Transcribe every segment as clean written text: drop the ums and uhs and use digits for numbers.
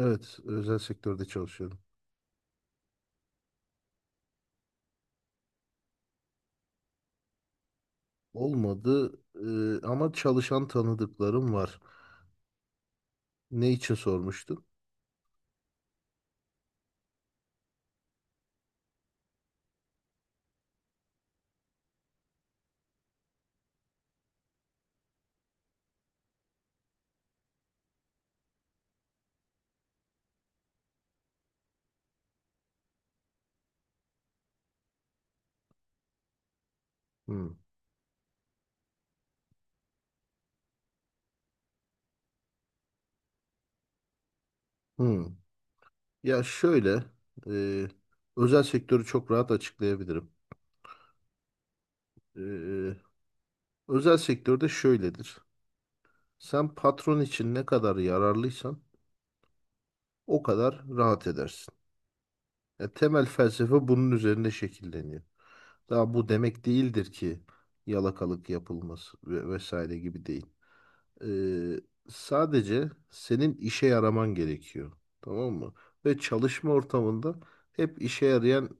Evet, özel sektörde çalışıyorum. Olmadı, ama çalışan tanıdıklarım var. Ne için sormuştun? Hmm. Hmm. Ya şöyle, e, özel sektörü çok rahat açıklayabilirim. E, Özel sektörde şöyledir. Sen patron için ne kadar yararlıysan o kadar rahat edersin. Ya temel felsefe bunun üzerine şekilleniyor. Daha bu demek değildir ki yalakalık yapılması ve vesaire gibi değil. Ee, Sadece senin işe yaraman gerekiyor. Tamam mı? Ve çalışma ortamında hep işe yarayan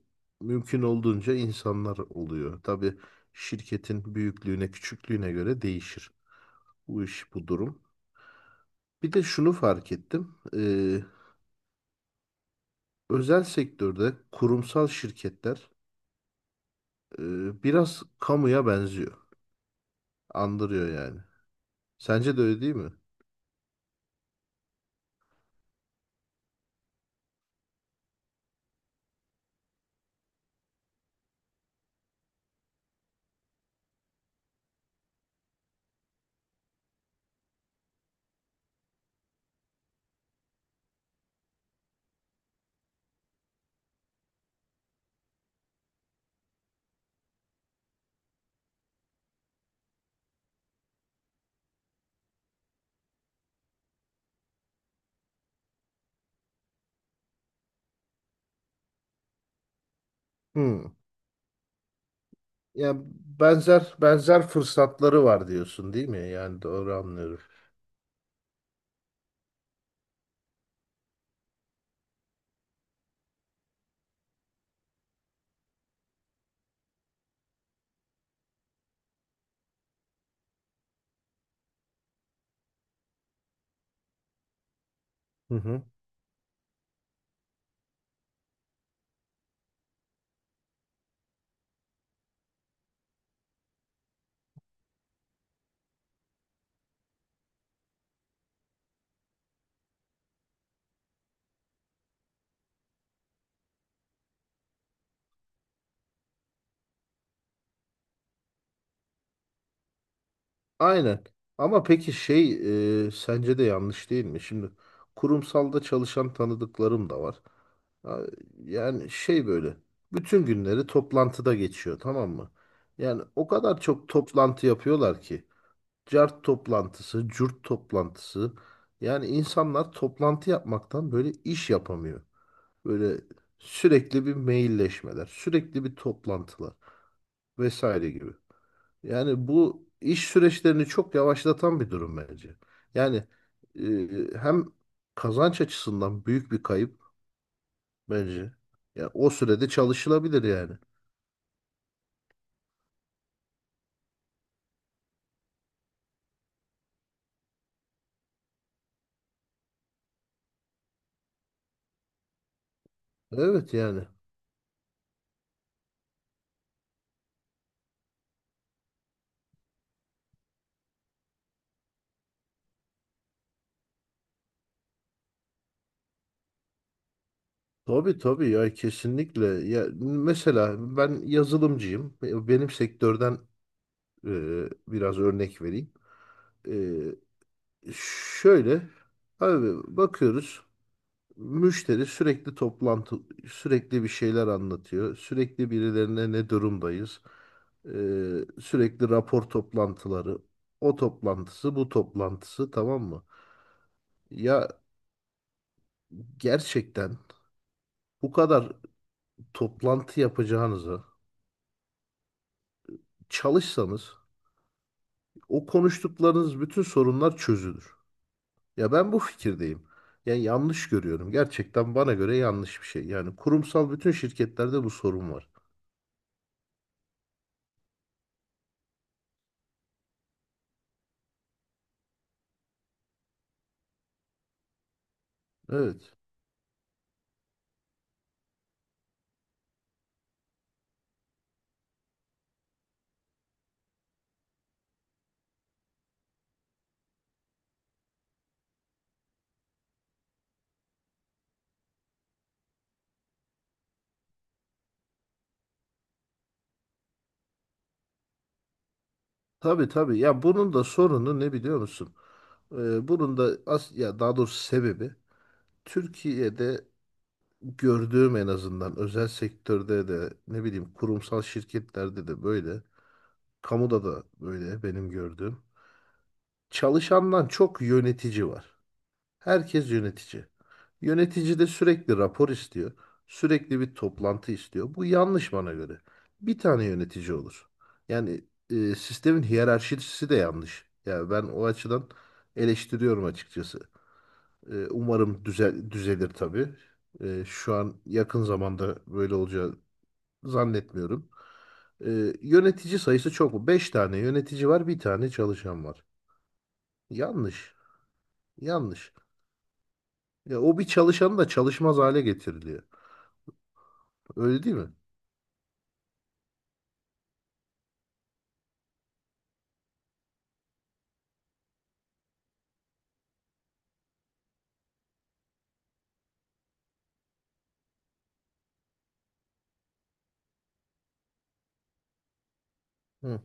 mümkün olduğunca insanlar oluyor. Tabii şirketin büyüklüğüne, küçüklüğüne göre değişir bu iş, bu durum. Bir de şunu fark ettim. Özel sektörde kurumsal şirketler biraz kamuya benziyor. Andırıyor yani. Sence de öyle değil mi? Hmm. Yani benzer benzer fırsatları var diyorsun değil mi? Yani doğru anlıyorum. Hı hı. Aynen. Ama peki şey sence de yanlış değil mi? Şimdi kurumsalda çalışan tanıdıklarım da var. Ya- Yani şey böyle bütün günleri toplantıda geçiyor, tamam mı? Yani o kadar çok toplantı yapıyorlar ki. Cart toplantısı, cürt toplantısı. Yani insanlar toplantı yapmaktan böyle iş yapamıyor. Böyle sürekli bir mailleşmeler, sürekli bir toplantılar vesaire gibi. Yani bu iş süreçlerini çok yavaşlatan bir durum bence. Yani hem kazanç açısından büyük bir kayıp bence. Ya o sürede çalışılabilir yani. Evet yani. Tabii tabii ya, kesinlikle. Ya mesela ben yazılımcıyım. Benim sektörden e, biraz örnek vereyim. E, Şöyle abi, bakıyoruz, müşteri sürekli toplantı, sürekli bir şeyler anlatıyor. Sürekli birilerine ne durumdayız? Ee, Sürekli rapor toplantıları. O toplantısı, bu toplantısı, tamam mı? Ya gerçekten bu kadar toplantı yapacağınıza çalışsanız o konuştuklarınız bütün sorunlar çözülür. Ya ben bu fikirdeyim. Yani yanlış görüyorum. Gerçekten bana göre yanlış bir şey. Yani kurumsal bütün şirketlerde bu sorun var. Evet. Tabii tabii. Ya bunun da sorunu ne biliyor musun? Bunun da ya daha doğrusu sebebi, Türkiye'de gördüğüm en azından, özel sektörde de ne bileyim, kurumsal şirketlerde de böyle, kamuda da böyle benim gördüğüm. Çalışandan çok yönetici var. Herkes yönetici. Yönetici de sürekli rapor istiyor. Sürekli bir toplantı istiyor. Bu yanlış bana göre. Bir tane yönetici olur. Yani sistemin hiyerarşisi de yanlış. Yani ben o açıdan eleştiriyorum açıkçası. Umarım düzelir tabii. Şu an yakın zamanda böyle olacağı zannetmiyorum. Yönetici sayısı çok mu? 5 tane yönetici var, bir tane çalışan var. Yanlış. Yanlış. Ya o bir çalışanı da çalışmaz hale getiriliyor. Öyle değil mi? Hı.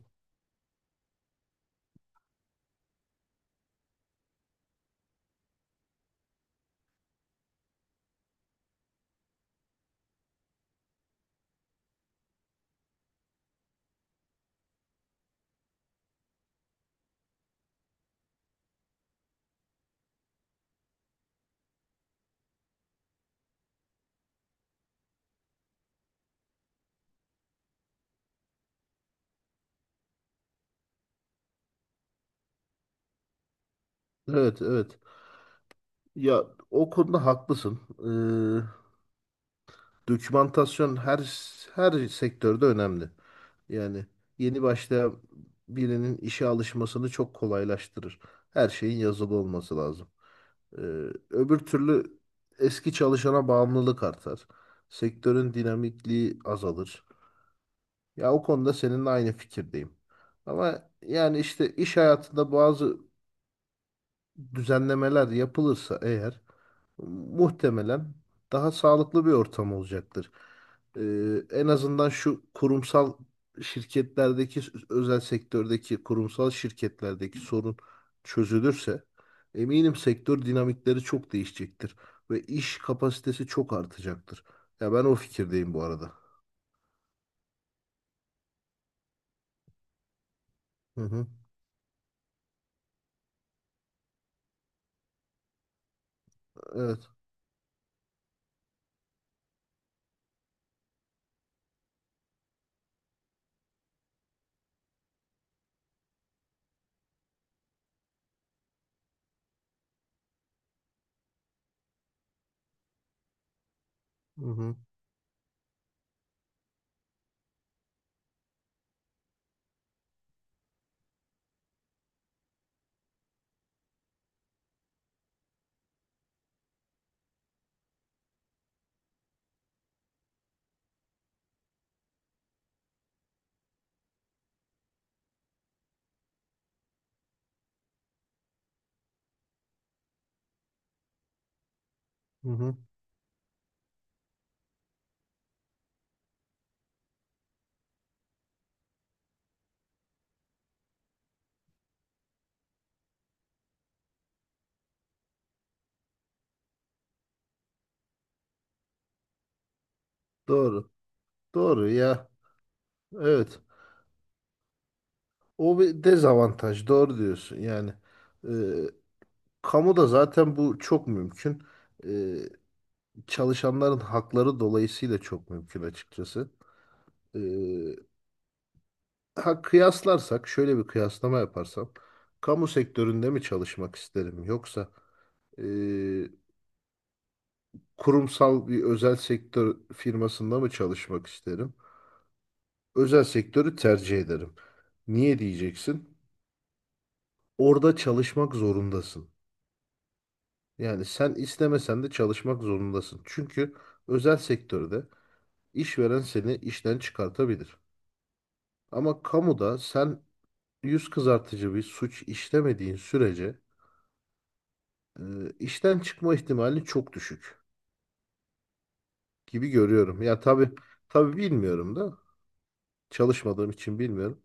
Evet, evet. Ya o konuda haklısın. Dokümantasyon her sektörde önemli. Yani yeni başlayan birinin işe alışmasını çok kolaylaştırır. Her şeyin yazılı olması lazım. Ee, Öbür türlü eski çalışana bağımlılık artar. Sektörün dinamikliği azalır. Ya o konuda seninle aynı fikirdeyim. Ama yani işte iş hayatında bazı düzenlemeler yapılırsa eğer muhtemelen daha sağlıklı bir ortam olacaktır. En azından şu kurumsal şirketlerdeki, özel sektördeki kurumsal şirketlerdeki sorun çözülürse eminim sektör dinamikleri çok değişecektir ve iş kapasitesi çok artacaktır. Ya ben o fikirdeyim bu arada. Hı hı. Evet. Hı hı. Hı hı. Doğru. Doğru ya. Evet. O bir dezavantaj. Doğru diyorsun yani. Kamuda zaten bu çok mümkün. Ee, Çalışanların hakları dolayısıyla çok mümkün açıkçası. Ee, ha kıyaslarsak, şöyle bir kıyaslama yaparsam, kamu sektöründe mi çalışmak isterim yoksa e, kurumsal bir özel sektör firmasında mı çalışmak isterim? Özel sektörü tercih ederim. Niye diyeceksin? Orada çalışmak zorundasın. Yani sen istemesen de çalışmak zorundasın. Çünkü özel sektörde İşveren seni işten çıkartabilir. Ama kamuda sen yüz kızartıcı bir suç işlemediğin sürece e, işten çıkma ihtimali çok düşük gibi görüyorum. Ya tabii tabii bilmiyorum da çalışmadığım için bilmiyorum.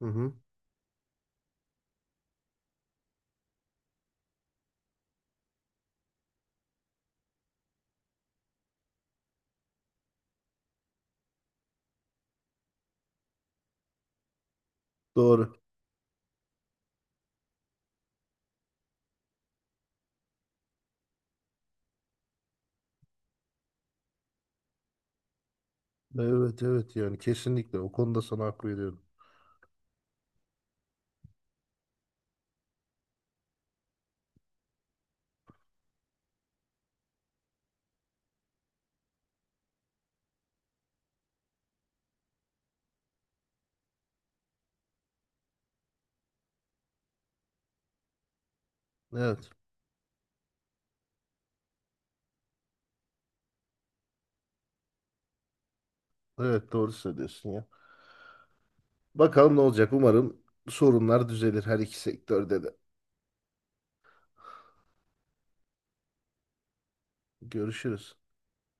Hı hı, doğru. Evet evet yani kesinlikle o konuda sana hak veriyorum. Evet. Evet doğru söylüyorsun ya. Bakalım ne olacak. Umarım sorunlar düzelir her iki sektörde de. Görüşürüz.